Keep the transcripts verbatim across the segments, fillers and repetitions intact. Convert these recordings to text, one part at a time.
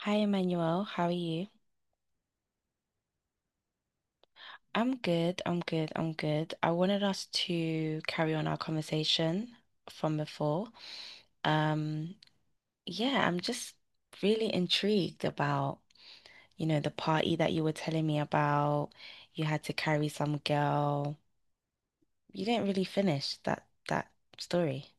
Hi, Emmanuel. How are you? I'm good. I'm good. I'm good. I wanted us to carry on our conversation from before. Um, yeah, I'm just really intrigued about, you know, the party that you were telling me about. You had to carry some girl. You didn't really finish that that story.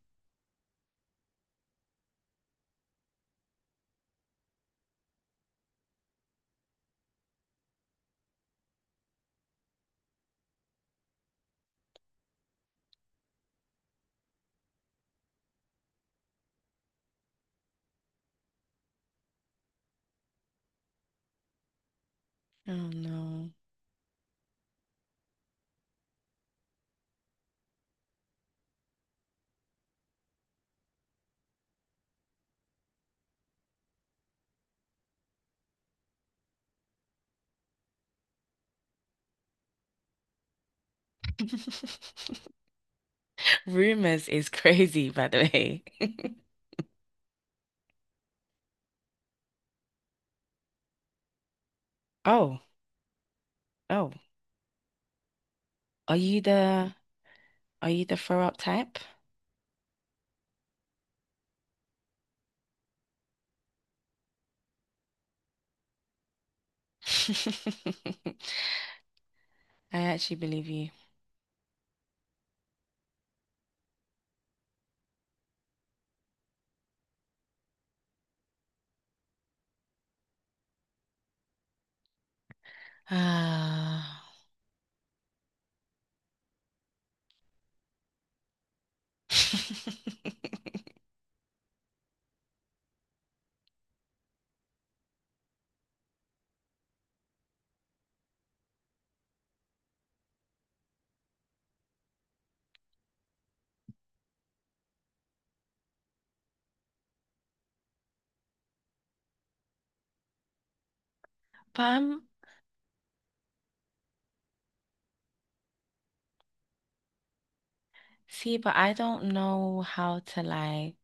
Oh no. Rumors is crazy, by the way. Oh, oh. Are you the, are you the throw up type? I actually believe you. Ah. But I'm, see, but I don't know how to, like,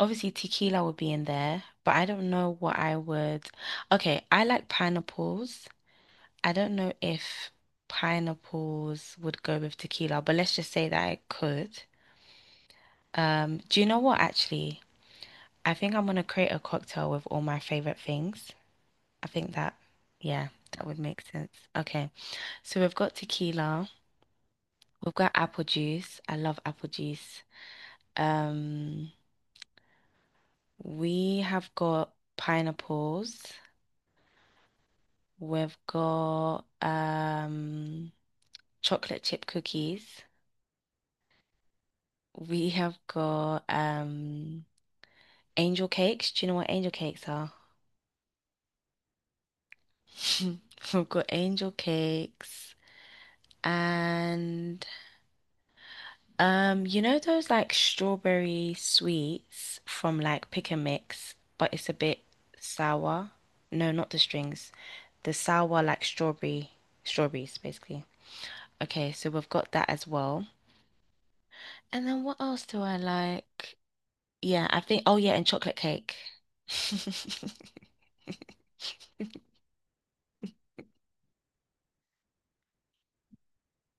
obviously tequila would be in there, but I don't know what I would. Okay, I like pineapples. I don't know if pineapples would go with tequila, but let's just say that I could. Um, do you know what, actually? I think I'm gonna create a cocktail with all my favorite things. I think that, yeah, that would make sense. Okay. So we've got tequila, we've got apple juice. I love apple juice. Um, we have got pineapples. We've got um chocolate chip cookies. We have got um angel cakes. Do you know what angel cakes are? We've got angel cakes. And um, you know those like strawberry sweets from like Pick and Mix, but it's a bit sour. No, not the strings. The sour like strawberry strawberries basically. Okay, so we've got that as well. And then what else do I like? Yeah, I think, oh yeah, and chocolate cake.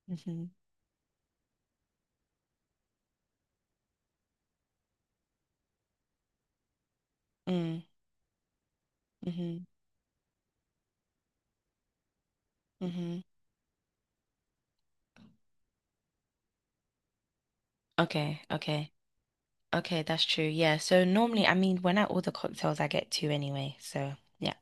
Mhm. Mm, mm-hmm, mm-hmm. Okay, okay, okay, that's true. Yeah. So normally, I mean, when I order cocktails, I get two anyway. So yeah.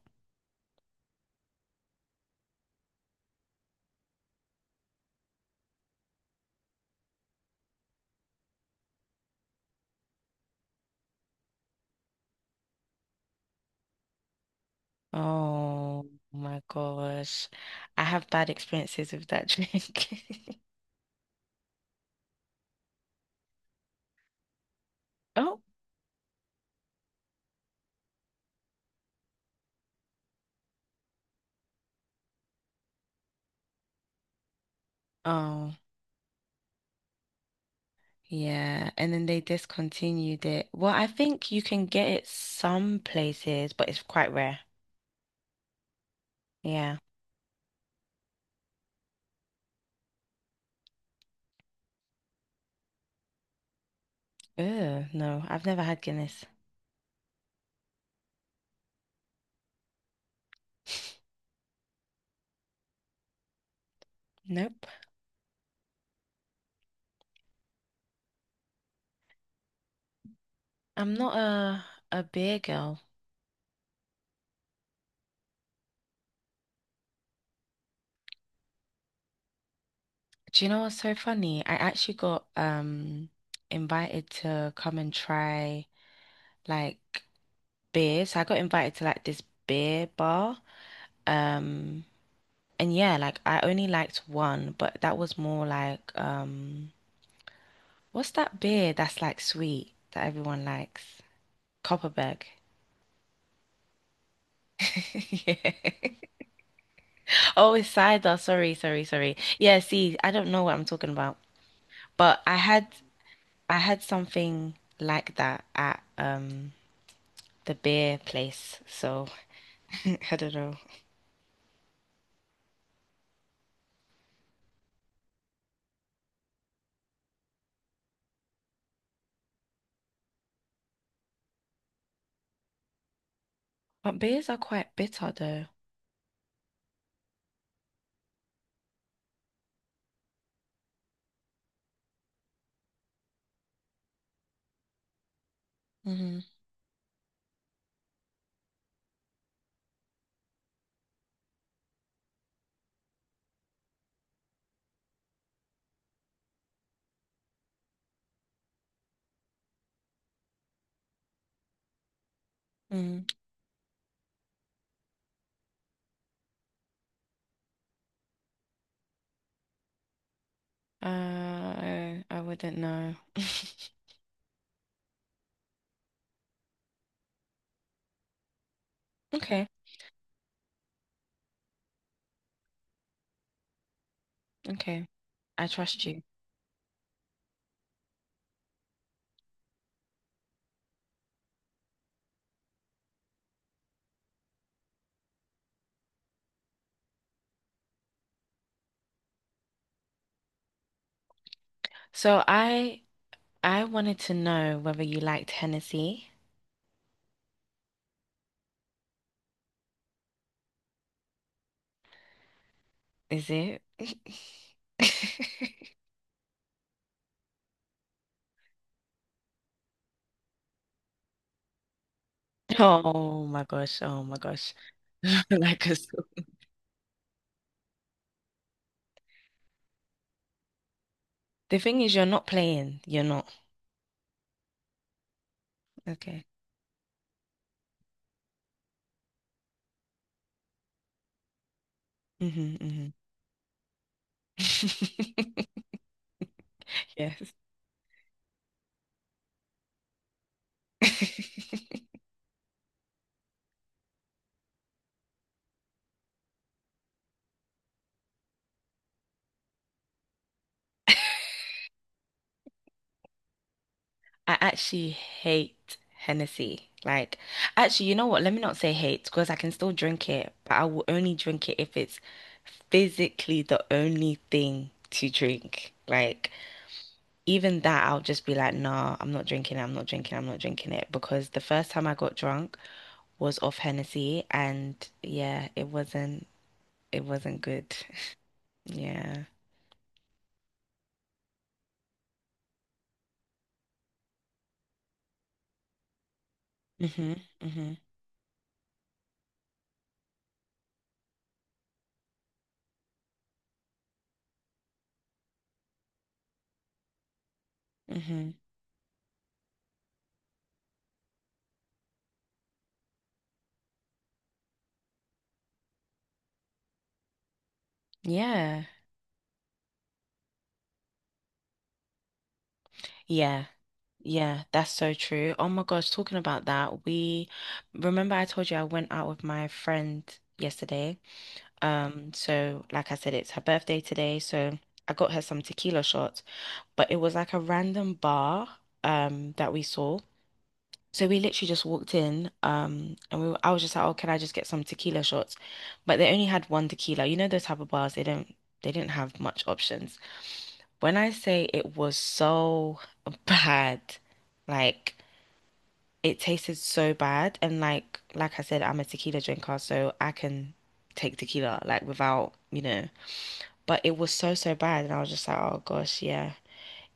Oh my gosh, I have bad experiences with that drink. Oh, oh, yeah. And then they discontinued it. Well, I think you can get it some places, but it's quite rare. Yeah. Ew, no, I've never had Guinness. Nope. I'm not a a beer girl. Do you know what's so funny? I actually got um invited to come and try, like, beer. So I got invited to like this beer bar. Um and yeah, like I only liked one, but that was more like, um what's that beer that's like sweet that everyone likes? Copperberg. Yeah. Oh, it's cider. Sorry, sorry, sorry. Yeah, see, I don't know what I'm talking about. But I had I had something like that at um the beer place. So I don't know. But beers are quite bitter though. Mm-hmm. Mm. Uh, I, I wouldn't know. Okay, okay. I trust you. So I I wanted to know whether you liked Hennessy. Is it? Oh my gosh. Oh my gosh. Like a— The thing is, you're not playing. You're not. Okay. Mm-hmm, mm-hmm. Yes. I actually hate Hennessy. Like, actually, you know what? Let me not say hate because I can still drink it, but I will only drink it if it's physically the only thing to drink. Like, even that, I'll just be like, nah, I'm not drinking it. I'm not drinking it. I'm not drinking it. Because the first time I got drunk was off Hennessy, and yeah, it wasn't, it wasn't good. Yeah. Mm-hmm. Mm-hmm. Mm-hmm. Yeah. Yeah. Yeah, that's so true. Oh my gosh, talking about that, we remember I told you I went out with my friend yesterday. Um, so like I said, it's her birthday today, so I got her some tequila shots, but it was like a random bar um that we saw. So we literally just walked in, um, and we were, I was just like, oh, can I just get some tequila shots? But they only had one tequila. You know those type of bars, they don't they didn't have much options. When I say it was so bad. Like it tasted so bad. And like like I said, I'm a tequila drinker, so I can take tequila like without, you know. But it was so so bad, and I was just like, oh gosh, yeah.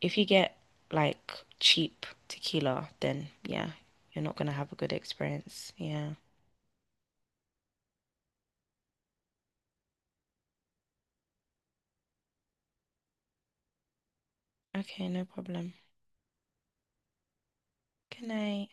If you get like cheap tequila, then yeah, you're not gonna have a good experience. Yeah. Okay, no problem. Good night.